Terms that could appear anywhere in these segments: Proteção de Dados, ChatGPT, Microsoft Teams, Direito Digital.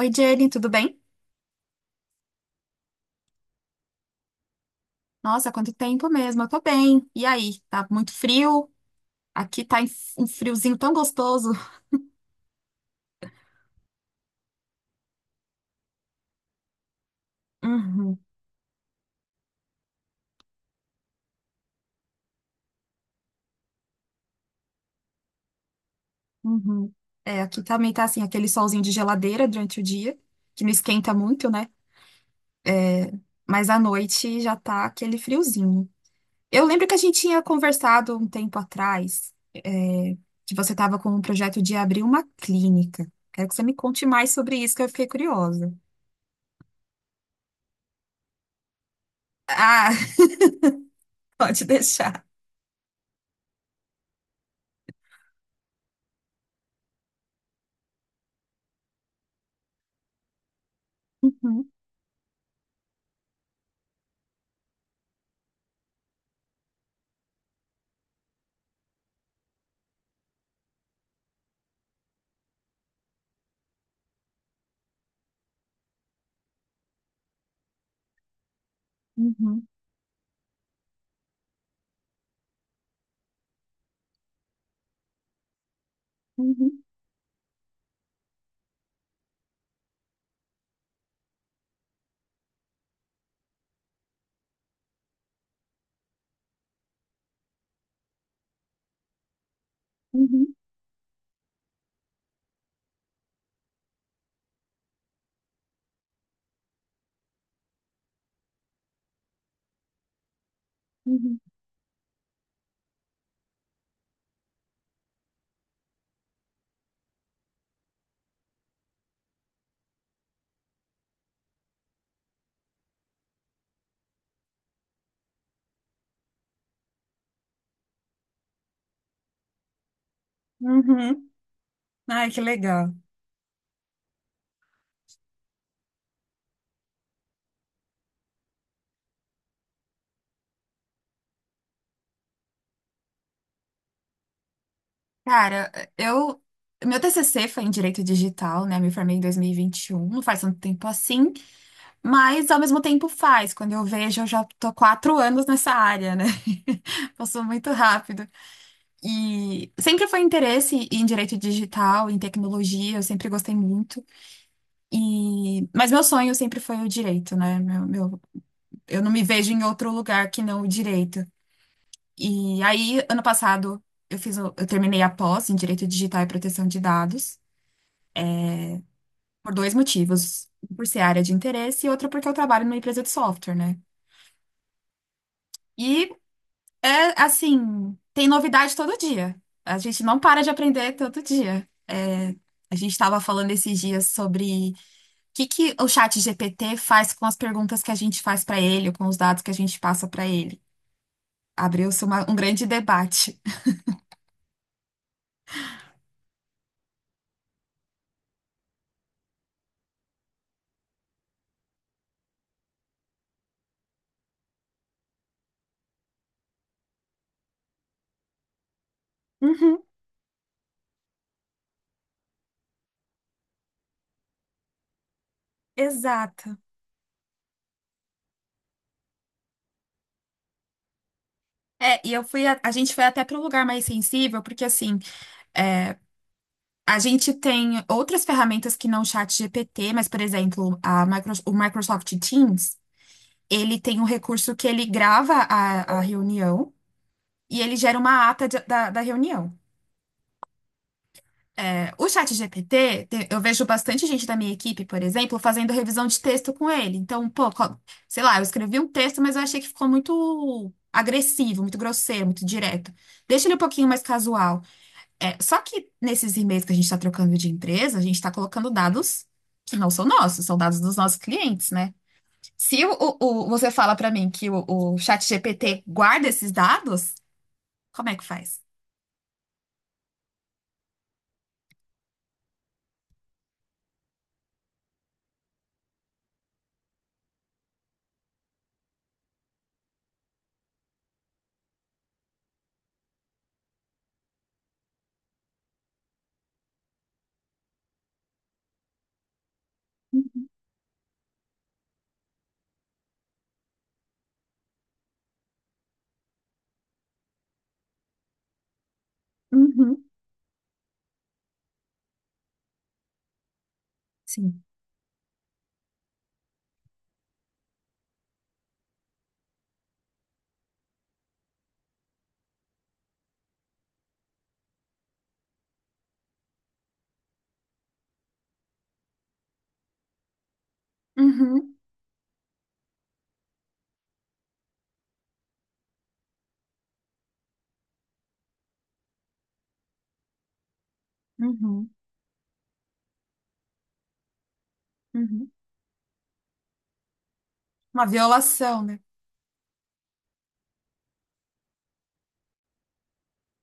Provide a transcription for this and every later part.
Oi, Jenny, tudo bem? Nossa, quanto tempo mesmo, eu tô bem. E aí, tá muito frio? Aqui tá em- Um friozinho tão gostoso. Uhum, uhum. É, aqui também tá assim, aquele solzinho de geladeira durante o dia, que não esquenta muito, né? Mas à noite já tá aquele friozinho. Eu lembro que a gente tinha conversado um tempo atrás, que você tava com um projeto de abrir uma clínica. Quero que você me conte mais sobre isso, que eu fiquei curiosa. Ah, pode deixar. Uhum, uhum, uhum, uhum. Uhum. Uhum. Ai, que legal. Cara, eu. Meu TCC foi em Direito Digital, né? Me formei em 2021, não faz tanto tempo assim, mas ao mesmo tempo faz. Quando eu vejo, eu já tô 4 anos nessa área, né? Passou muito rápido. E sempre foi interesse em Direito Digital, em tecnologia, eu sempre gostei muito. E... mas meu sonho sempre foi o direito, né? Eu não me vejo em outro lugar que não o direito. E aí, ano passado, eu terminei a pós em Direito Digital e Proteção de Dados por dois motivos. Um, por ser área de interesse e outro porque eu trabalho numa empresa de software, né? E é assim, tem novidade todo dia. A gente não para de aprender todo dia. É, a gente estava falando esses dias sobre o que que o chat GPT faz com as perguntas que a gente faz para ele, ou com os dados que a gente passa para ele. Abriu-se um grande debate. Uhum, exato. É, e eu fui, a gente foi até para um lugar mais sensível, porque assim, é, a gente tem outras ferramentas que não o chat GPT, mas, por exemplo, o Microsoft Teams, ele tem um recurso que ele grava a reunião e ele gera uma ata da reunião. É, o chat GPT, te- eu vejo bastante gente da minha equipe, por exemplo, fazendo revisão de texto com ele. Então, pô, sei lá, eu escrevi um texto, mas eu achei que ficou muito agressivo, muito grosseiro, muito direto. Deixa ele um pouquinho mais casual. É, só que nesses e-mails que a gente está trocando de empresa, a gente está colocando dados que não são nossos, são dados dos nossos clientes, né? Se o, o- você fala para mim que o ChatGPT guarda esses dados, como é que faz? Uhum, uhum, sim. Uhum, uhum, uhum. Uma violação, né?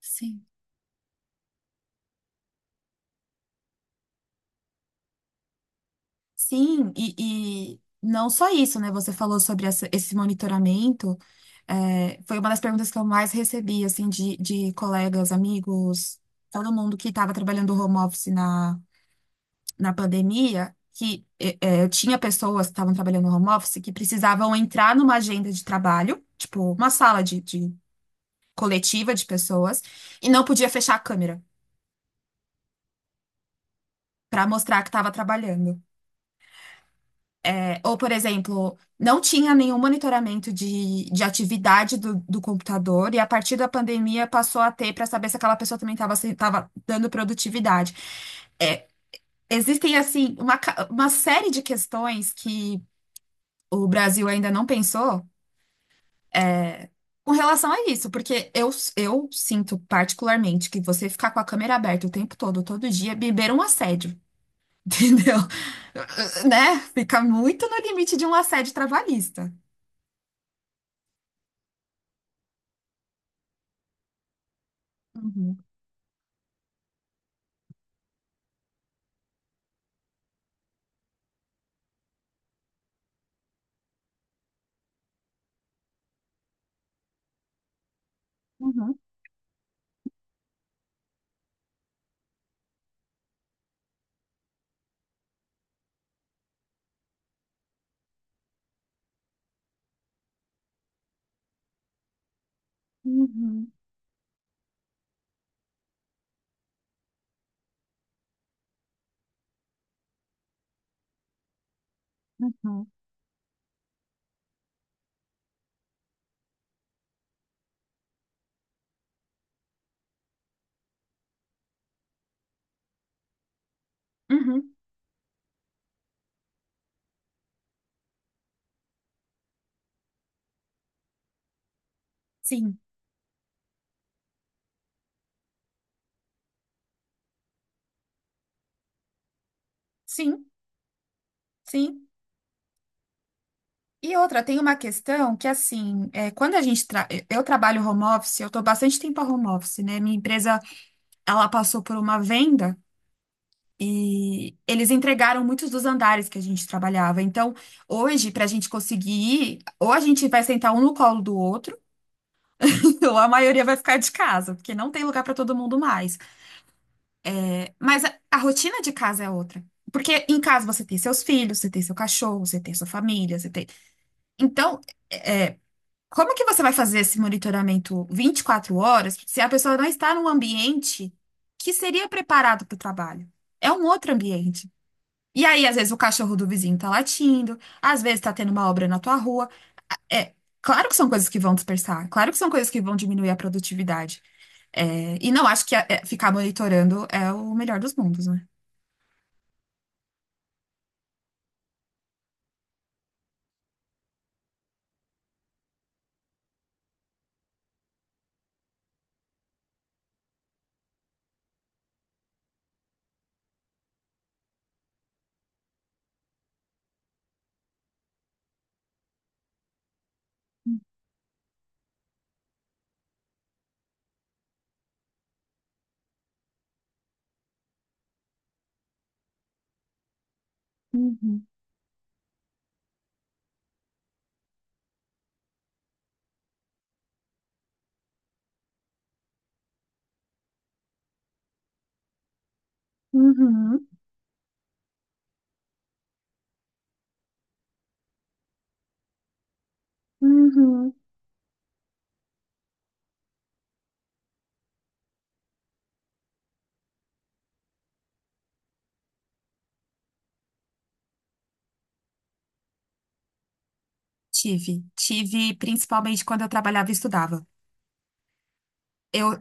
Sim. Sim, e não só isso, né? Você falou sobre esse monitoramento. É, foi uma das perguntas que eu mais recebi, assim, de colegas, amigos, todo mundo que estava trabalhando home office na pandemia, que é, é, eu tinha pessoas que estavam trabalhando home office que precisavam entrar numa agenda de trabalho, tipo, uma sala de coletiva de pessoas, e não podia fechar a câmera para mostrar que estava trabalhando. Ou, por exemplo, não tinha nenhum monitoramento de atividade do computador, e a partir da pandemia passou a ter para saber se aquela pessoa também estava dando produtividade. É, existem, assim, uma série de questões que o Brasil ainda não pensou, é, com relação a isso, porque eu sinto particularmente que você ficar com a câmera aberta o tempo todo, todo dia, beber um assédio, entendeu? Né? Fica muito no limite de um assédio trabalhista. Uhum, uhum, uhum, uhum, uhum. Sim, sim, sim. E outra, tem uma questão que, assim, quando a gente... Eu trabalho home office, eu estou bastante tempo a home office, né? Minha empresa, ela passou por uma venda e eles entregaram muitos dos andares que a gente trabalhava. Então, hoje, para a gente conseguir ir, ou a gente vai sentar um no colo do outro, ou a maioria vai ficar de casa, porque não tem lugar para todo mundo mais. Mas a rotina de casa é outra. Porque em casa você tem seus filhos, você tem seu cachorro, você tem sua família, você tem. Então, é, é, como que você vai fazer esse monitoramento 24 horas se a pessoa não está num ambiente que seria preparado para o trabalho? É um outro ambiente. E aí, às vezes, o cachorro do vizinho está latindo, às vezes está tendo uma obra na tua rua. É, claro que são coisas que vão dispersar, claro que são coisas que vão diminuir a produtividade. É, e não acho que ficar monitorando é o melhor dos mundos, né? Uhum, uhum, uhum. Tive. Tive principalmente quando eu trabalhava e estudava. Eu,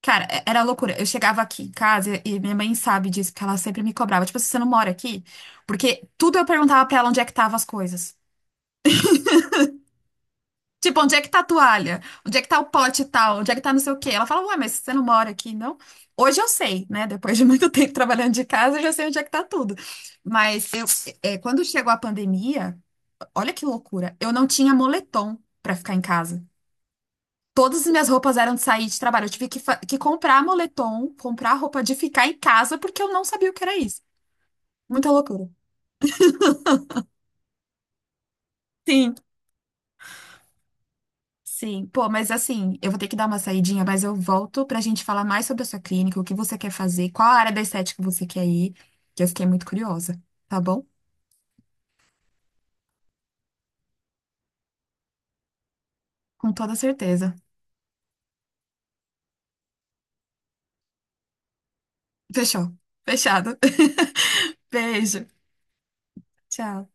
cara, era loucura. Eu chegava aqui em casa e minha mãe sabe disso, porque ela sempre me cobrava. Tipo, assim, você não mora aqui? Porque tudo eu perguntava pra ela onde é que estavam as coisas. Tipo, onde é que tá a toalha? Onde é que tá o pote e tal? Onde é que tá não sei o quê? Ela fala, ué, mas você não mora aqui, não? Hoje eu sei, né? Depois de muito tempo trabalhando de casa, eu já sei onde é que tá tudo. Mas eu, é, quando chegou a pandemia. Olha que loucura. Eu não tinha moletom pra ficar em casa. Todas as minhas roupas eram de sair de trabalho. Eu tive que, que comprar moletom, comprar roupa de ficar em casa, porque eu não sabia o que era isso. Muita loucura. Sim, sim. Pô, mas assim, eu vou ter que dar uma saidinha, mas eu volto pra gente falar mais sobre a sua clínica, o que você quer fazer, qual a área da estética você quer ir, que eu fiquei muito curiosa, tá bom? Com toda certeza. Fechou. Fechado. Beijo. Tchau.